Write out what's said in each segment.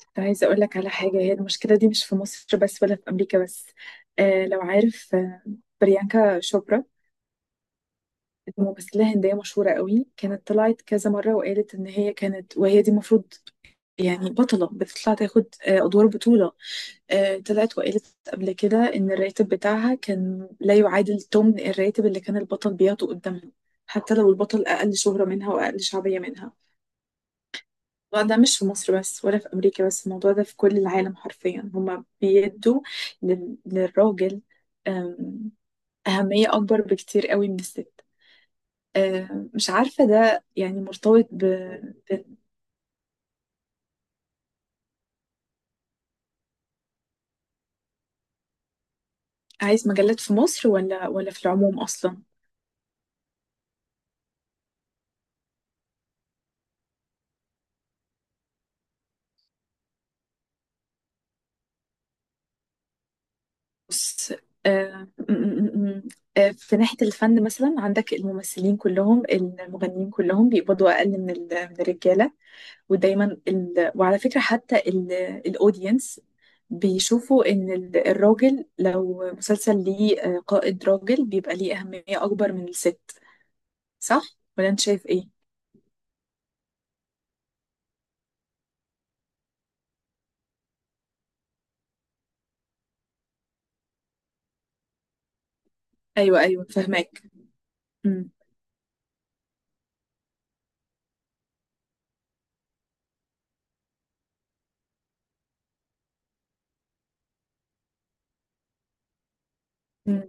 كنت عايزة أقول لك على حاجة. هي المشكلة دي مش في مصر بس ولا في أمريكا بس. آه لو عارف آه، بريانكا شوبرا، ممثلة هندية مشهورة قوي، كانت طلعت كذا مرة وقالت إن هي كانت، وهي دي المفروض بطلة بتطلع تاخد أدوار بطولة. طلعت وقالت قبل كده إن الراتب بتاعها كان لا يعادل ثمن الراتب اللي كان البطل بياخده قدامها، حتى لو البطل أقل شهرة منها وأقل شعبية منها. الموضوع ده مش في مصر بس ولا في أمريكا بس، الموضوع ده في كل العالم حرفيا. هما بيدوا للراجل أم، أهمية أكبر بكتير قوي من الست. مش عارفة ده يعني مرتبط ب... عايز مجلات في مصر ولا في العموم أصلا؟ بص، أم، م- م- م- أم، في ناحية الفن مثلا، عندك الممثلين كلهم، المغنيين كلهم بيقبضوا أقل من الرجالة. ودايما وعلى فكرة حتى الأودينس بيشوفوا إن الراجل لو مسلسل ليه قائد راجل بيبقى ليه أهمية أكبر من الست. صح؟ ولا أنت شايف إيه؟ أيوه فهماك. أمم، أمم،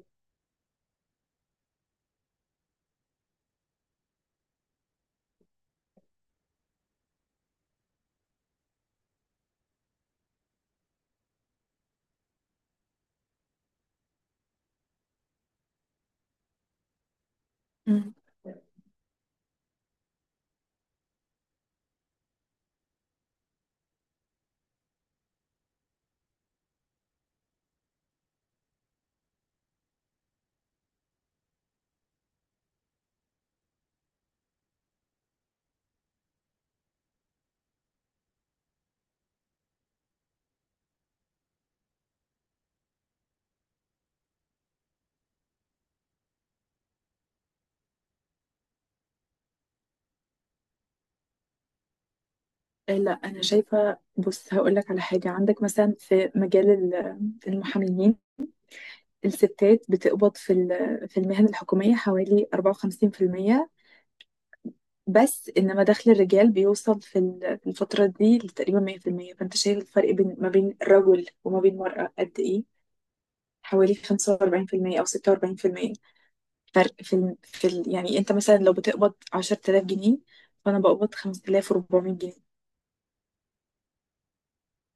أمم. آه، لا، أنا شايفة. بص، هقولك على حاجة. عندك مثلا في مجال المحاميين، الستات بتقبض في في المهن الحكومية حوالي 54%، بس انما دخل الرجال بيوصل في في الفترة دي لتقريبا 100%. فانت شايف الفرق بين ما بين الرجل وما بين المرأة قد ايه؟ حوالي 45% او 46% فرق يعني انت مثلا لو بتقبض 10,000 جنيه، فانا بقبض 5,400 جنيه.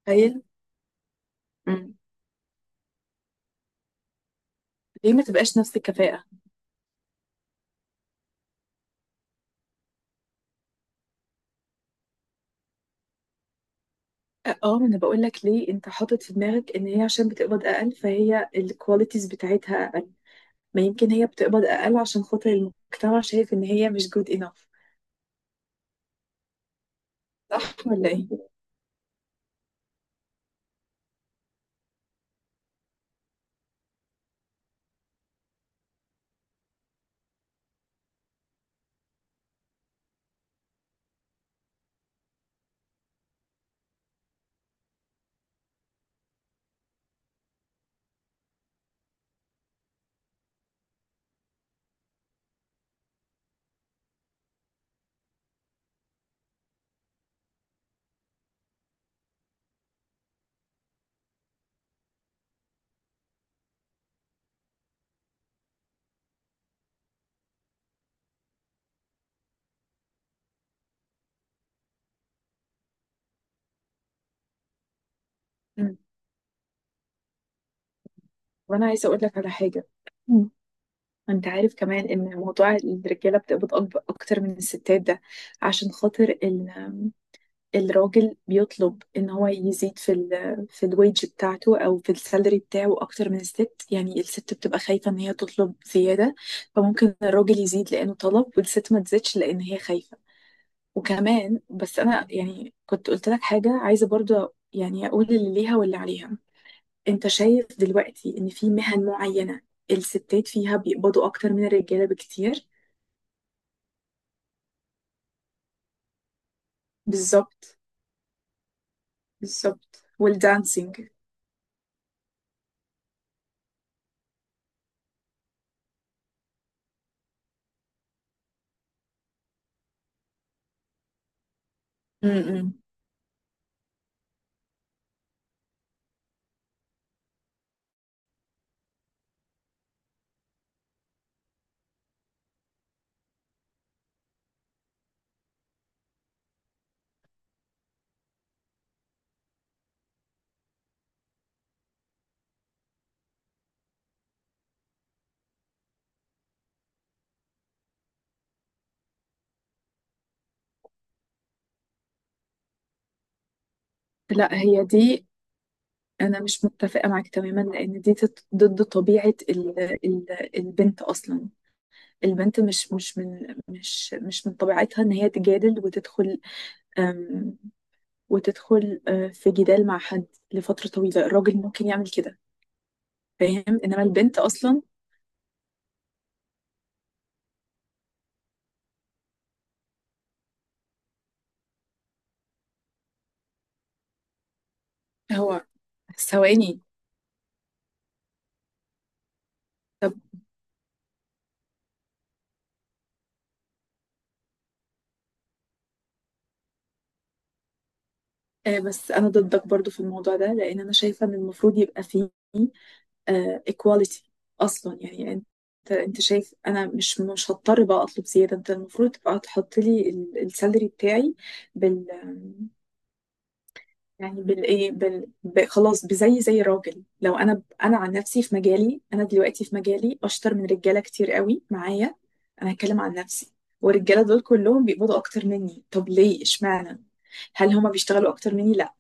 تخيل. مم. ليه ما تبقاش نفس الكفاءة؟ اه، ما انا بقول لك ليه. انت حاطط في دماغك ان هي عشان بتقبض اقل فهي الكواليتيز بتاعتها اقل. ما يمكن هي بتقبض اقل عشان خاطر المجتمع شايف ان هي مش جود انف. صح ولا ايه؟ مم. وانا عايزه اقول لك على حاجه. مم. انت عارف كمان ان موضوع الرجاله بتقبض اكتر من الستات ده عشان خاطر الراجل بيطلب ان هو يزيد في في الويج بتاعته او في السالري بتاعه اكتر من الست. يعني الست بتبقى خايفه ان هي تطلب زياده، فممكن الراجل يزيد لانه طلب والست ما تزيدش لان هي خايفه. وكمان بس انا كنت قلت لك حاجه عايزه برضو اقول اللي ليها واللي عليها. انت شايف دلوقتي ان في مهن معينة الستات فيها بيقبضوا اكتر من الرجالة بكتير. بالظبط، بالظبط. والدانسينج. م-م. لا، هي دي، انا مش متفقة معاك تماما، لان دي ضد طبيعة ال ال البنت اصلا. البنت مش من طبيعتها ان هي تجادل وتدخل، أم، وتدخل في جدال مع حد لفترة طويلة. الراجل ممكن يعمل كده، فاهم؟ انما البنت اصلا… هو ثواني. بس انا ضدك برضو في الموضوع ده، لان انا شايفه ان المفروض يبقى فيه ايكواليتي اصلا. يعني انت، انت شايف انا مش هضطر بقى اطلب زياده؟ انت المفروض تبقى تحط لي السالري بتاعي بال يعني بالايه بال... ب... خلاص بزي زي راجل. لو انا انا عن نفسي، في مجالي، انا دلوقتي في مجالي اشطر من رجاله كتير قوي معايا. انا هتكلم عن نفسي. والرجاله دول كلهم بيقبضوا اكتر مني. طب ليه؟ اشمعنى؟ هل هما بيشتغلوا اكتر مني؟ لا.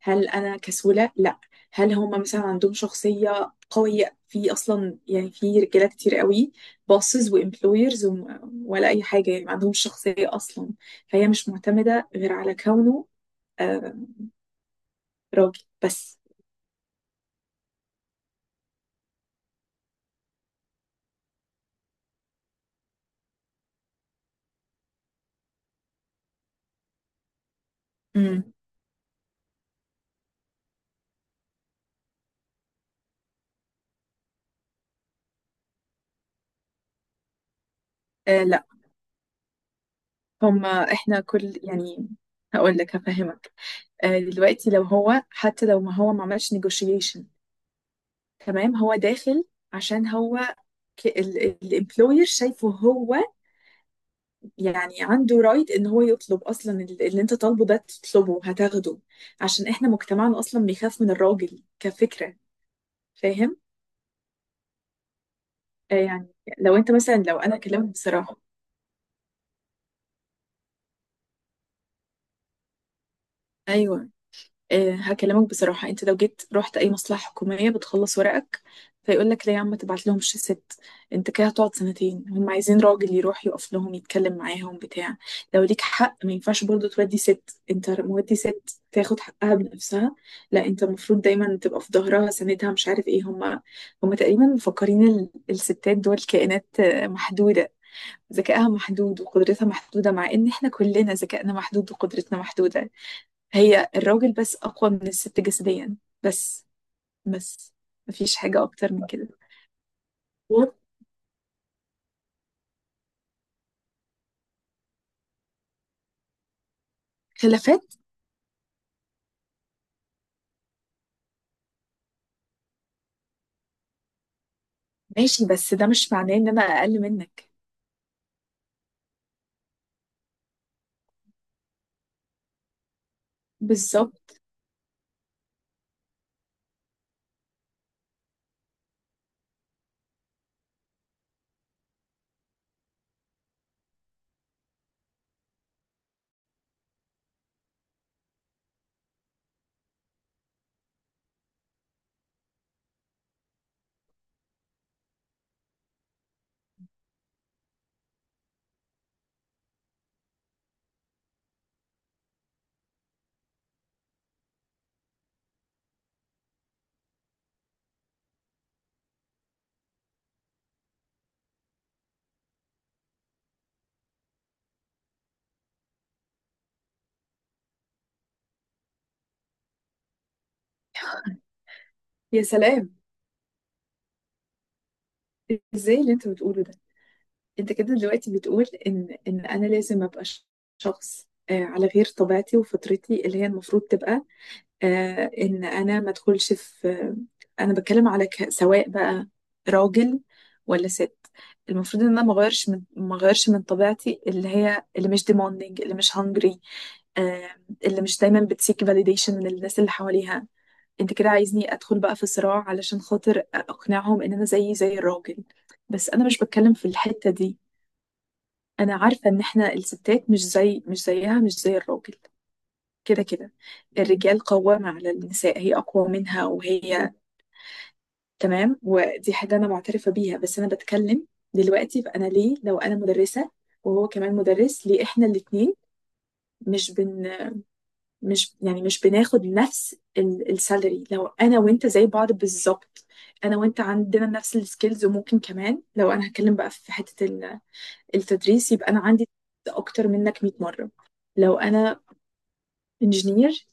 هل انا كسولة؟ لا. هل هم مثلا عندهم شخصية قوية؟ في اصلا يعني في رجالة كتير قوي bosses وامبلويرز، ولا اي حاجة يعني ما عندهمش شخصية اصلا. فهي مش معتمدة غير على كونه آه، راجل بس. امم لا، احنا كل هقول لك، هفهمك. دلوقتي لو هو، حتى لو ما هو ما عملش negotiation، تمام، هو داخل عشان هو، الامبلوير شايفه هو عنده رايت ان هو يطلب اصلا. اللي انت طالبه ده تطلبه هتاخده، عشان احنا مجتمعنا اصلا بيخاف من الراجل كفكرة. فاهم؟ آه يعني لو انت مثلا، لو انا اكلمك بصراحة، ايوه، هكلمك بصراحة. انت لو جيت رحت اي مصلحة حكومية بتخلص ورقك، فيقول لك لا يا عم تبعت لهم الشيسات، انت كده هتقعد سنتين. هم عايزين راجل يروح يقف لهم يتكلم معاهم بتاع. لو ليك حق، ما ينفعش برضه تودي ست. انت مودي ست تاخد حقها بنفسها؟ لا، انت المفروض دايما تبقى في ظهرها سندها. مش عارف ايه. هم هم تقريبا مفكرين الستات دول كائنات محدودة، ذكائها محدود وقدرتها محدودة، مع ان احنا كلنا ذكائنا محدود وقدرتنا محدودة. هي الراجل بس أقوى من الست جسديا بس، بس مفيش حاجة أكتر من كده. خلافات، ماشي، بس ده مش معناه إن أنا أقل منك. بالظبط. يا سلام، ازاي اللي انت بتقوله ده؟ انت كده دلوقتي بتقول ان انا لازم ابقى شخص على غير طبيعتي وفطرتي اللي هي المفروض تبقى، ان انا ما ادخلش في… انا بتكلم على سواء بقى راجل ولا ست، المفروض ان انا ما اغيرش من طبيعتي، اللي هي اللي مش demanding، اللي مش hungry، آه، اللي مش دايما بتسيك validation من الناس اللي حواليها. انت كده عايزني ادخل بقى في صراع علشان خاطر اقنعهم ان انا زيي زي الراجل؟ بس انا مش بتكلم في الحتة دي. انا عارفة ان احنا الستات مش زي الراجل. كده كده الرجال قوامة على النساء، هي أقوى منها وهي، تمام، ودي حاجة أنا معترفة بيها. بس أنا بتكلم دلوقتي. فأنا ليه، لو أنا مدرسة وهو كمان مدرس، ليه إحنا الاتنين مش بن مش يعني مش بناخد نفس السالري؟ لو أنا وأنت زي بعض بالظبط، أنا وأنت عندنا نفس السكيلز. وممكن كمان لو أنا هتكلم بقى في حتة التدريس، يبقى أنا عندي أكتر منك 100 مرة. لو أنا انجينير،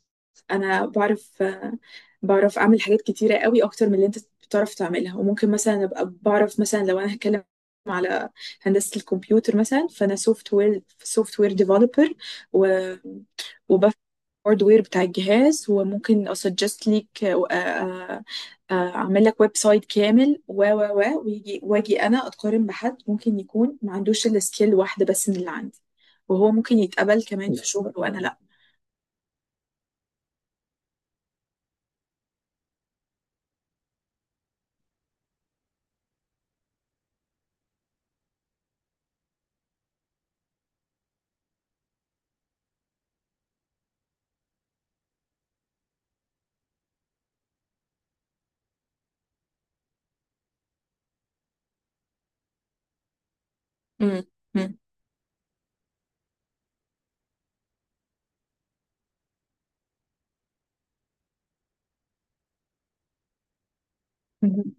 انا بعرف بعرف اعمل حاجات كتيره قوي اكتر من اللي انت بتعرف تعملها. وممكن مثلا ابقى بعرف، مثلا لو انا هتكلم على هندسه الكمبيوتر مثلا، فانا سوفت وير، ديفلوبر، و وبفهم الهاردوير بتاع الجهاز، وممكن اسجست ليك اعمل لك ويب سايت كامل. و و و ويجي واجي انا اتقارن بحد ممكن يكون ما عندوش الا سكيل واحده بس من اللي عندي، وهو ممكن يتقبل كمان في شغل وانا لا. مم. مهم.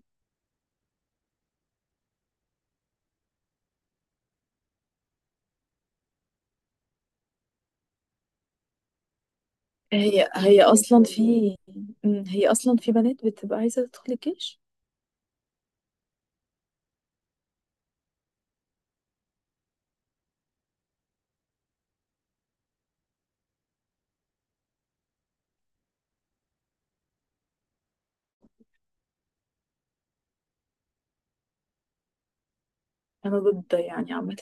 هي اصلا في، هي اصلا في بنات بتبقى عايزه تدخل الجيش. انا ضد يعني عامه.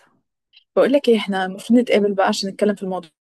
بقول لك ايه، احنا المفروض نتقابل بقى عشان نتكلم في الموضوع.